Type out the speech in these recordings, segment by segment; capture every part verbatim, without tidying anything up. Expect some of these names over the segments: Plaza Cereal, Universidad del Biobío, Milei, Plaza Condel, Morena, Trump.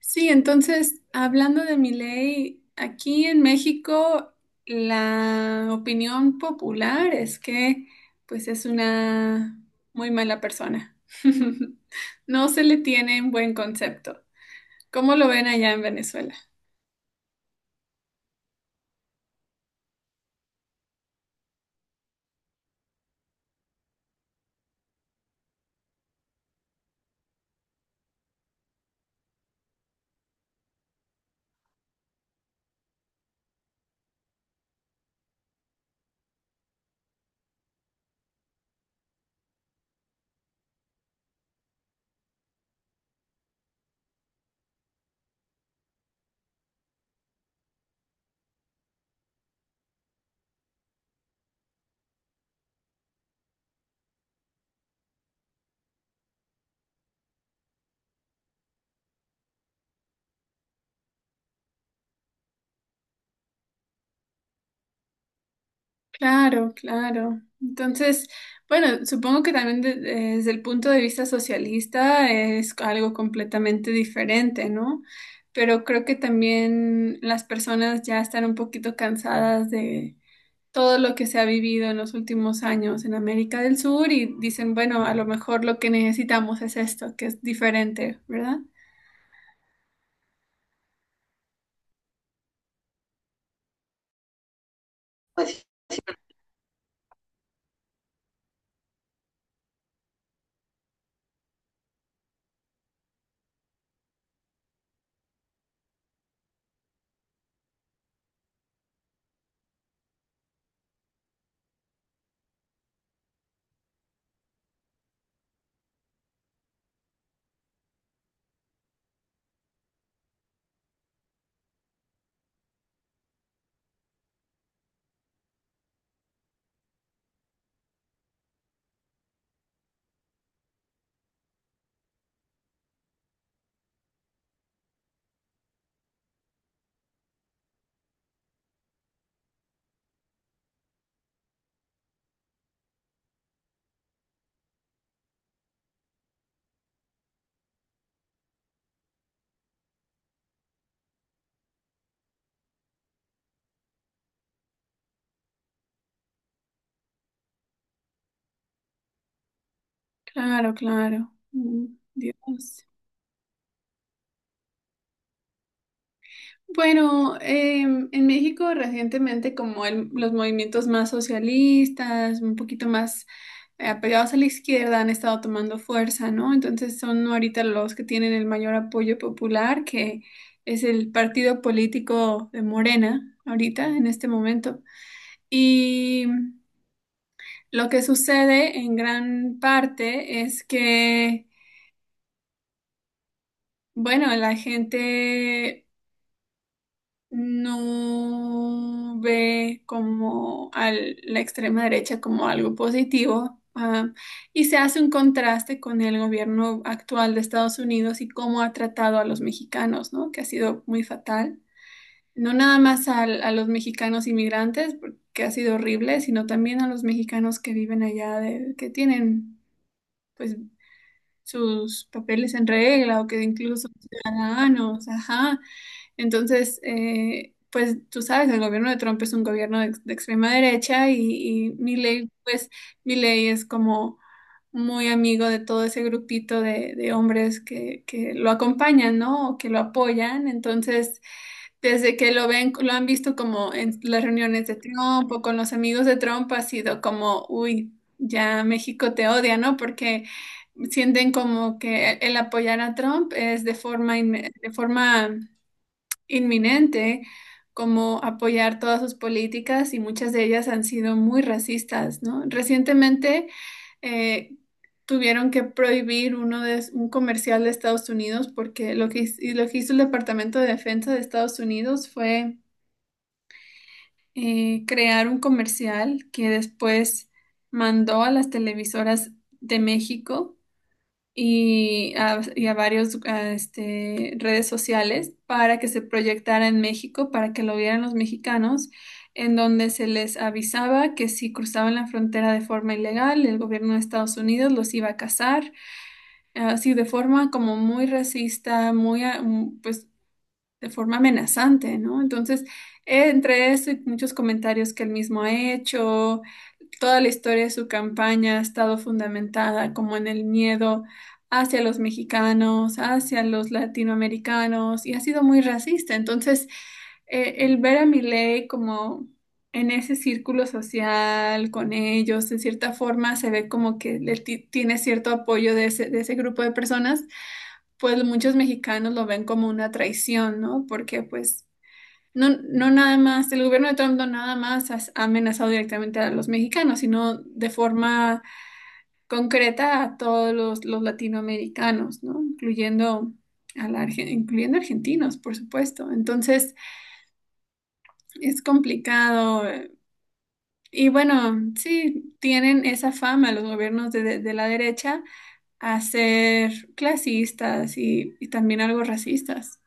Sí, entonces, hablando de mi ley, aquí en México la opinión popular es que pues es una muy mala persona. No se le tiene un buen concepto. ¿Cómo lo ven allá en Venezuela? Claro, claro. Entonces, bueno, supongo que también de- eh, desde el punto de vista socialista es algo completamente diferente, ¿no? Pero creo que también las personas ya están un poquito cansadas de todo lo que se ha vivido en los últimos años en América del Sur y dicen, bueno, a lo mejor lo que necesitamos es esto, que es diferente, ¿verdad? Claro, claro. Mm, Dios. Bueno, em, en México recientemente como el- los movimientos más socialistas, un poquito más eh, apegados a la izquierda han estado tomando fuerza, ¿no? Entonces son ahorita los que tienen el mayor apoyo popular, que es el partido político de Morena, ahorita, en este momento. Y lo que sucede en gran parte es que, bueno, la gente no ve como a la extrema derecha como algo positivo, ah, y se hace un contraste con el gobierno actual de Estados Unidos y cómo ha tratado a los mexicanos, ¿no? Que ha sido muy fatal. No nada más al- a, los mexicanos inmigrantes, porque ha sido horrible, sino también a los mexicanos que viven allá, de- que tienen, pues, sus papeles en regla o que incluso son ciudadanos, ajá. Entonces, eh, pues tú sabes, el gobierno de Trump es un gobierno de, ex- de extrema derecha y, y Milei, pues Milei es como muy amigo de todo ese grupito de, de hombres que, que lo acompañan, ¿no? O que lo apoyan. Entonces, desde que lo ven, lo han visto como en las reuniones de Trump o con los amigos de Trump, ha sido como, uy, ya México te odia, ¿no? Porque sienten como que el apoyar a Trump es de forma, inme- de forma inminente, como apoyar todas sus políticas y muchas de ellas han sido muy racistas, ¿no? Recientemente eh, tuvieron que prohibir uno de, un comercial de Estados Unidos porque lo que, hiz- y lo que hizo el Departamento de Defensa de Estados Unidos fue eh, crear un comercial que después mandó a las televisoras de México y a, y a varios a, este, redes sociales para que se proyectara en México, para que lo vieran los mexicanos, en donde se les avisaba que si cruzaban la frontera de forma ilegal, el gobierno de Estados Unidos los iba a cazar, así de forma como muy racista, muy, a- mm, pues, de forma amenazante, ¿no? Entonces, eh, entre eso y muchos comentarios que él mismo ha hecho, toda la historia de su campaña ha estado fundamentada como en el miedo hacia los mexicanos, hacia los latinoamericanos y ha sido muy racista. Entonces, eh, el ver a Milei como en ese círculo social con ellos, en cierta forma se ve como que le ti- tiene cierto apoyo de ese, de ese grupo de personas, pues muchos mexicanos lo ven como una traición, ¿no? Porque pues no, no nada más, el gobierno de Trump no nada más has- ha amenazado directamente a los mexicanos, sino de forma concreta a todos los, los latinoamericanos, ¿no? Incluyendo a la, Arge- incluyendo argentinos, por supuesto. Entonces, es complicado. eh, Y bueno, sí, tienen esa fama los gobiernos de, de- de la derecha a ser clasistas y, y también algo racistas.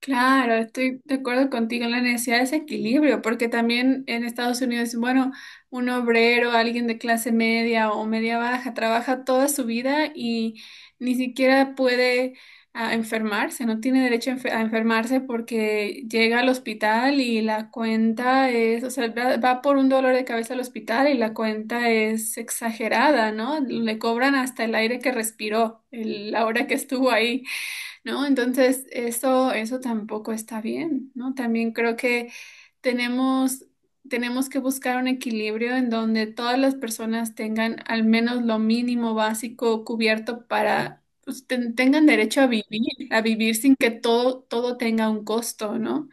Claro, estoy de acuerdo contigo en la necesidad de ese equilibrio, porque también en Estados Unidos, bueno, un obrero, alguien de clase media o media baja, trabaja toda su vida y ni siquiera puede ah, enfermarse, no tiene derecho a enfe- a enfermarse porque llega al hospital y la cuenta es, o sea, va, va por un dolor de cabeza al hospital y la cuenta es exagerada, ¿no? Le cobran hasta el aire que respiró, el- la hora que estuvo ahí. ¿No? Entonces, eso, eso tampoco está bien, ¿no? También creo que tenemos, tenemos que buscar un equilibrio en donde todas las personas tengan al menos lo mínimo básico cubierto para, pues, ten- tengan derecho a vivir, a vivir sin que todo, todo tenga un costo, ¿no?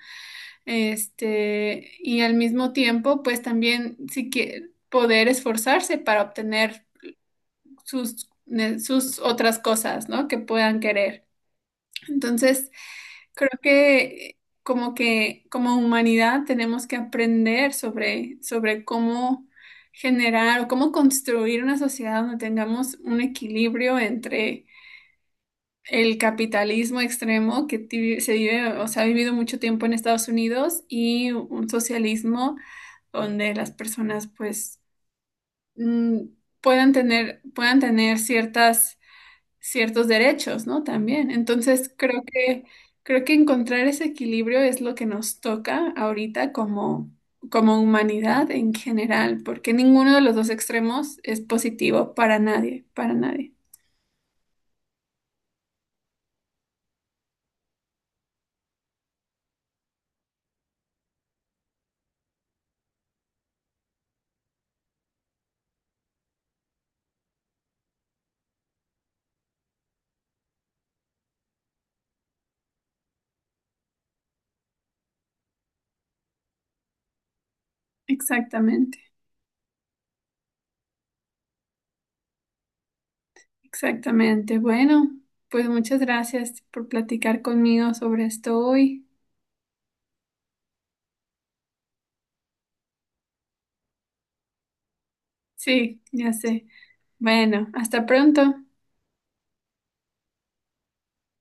Este, y al mismo tiempo, pues también si que poder esforzarse para obtener sus, ne- sus otras cosas, ¿no? Que puedan querer. Entonces, creo que como que como humanidad tenemos que aprender sobre, sobre cómo generar o cómo construir una sociedad donde tengamos un equilibrio entre el capitalismo extremo que ti- se vive o se ha vivido mucho tiempo en Estados Unidos y un socialismo donde las personas pues mm, puedan tener, puedan tener ciertas ciertos derechos, ¿no? También. Entonces, creo que, creo que encontrar ese equilibrio es lo que nos toca ahorita como, como humanidad en general, porque ninguno de los dos extremos es positivo para nadie, para nadie. Exactamente. Exactamente. Bueno, pues muchas gracias por platicar conmigo sobre esto hoy. Sí, ya sé. Bueno, hasta pronto.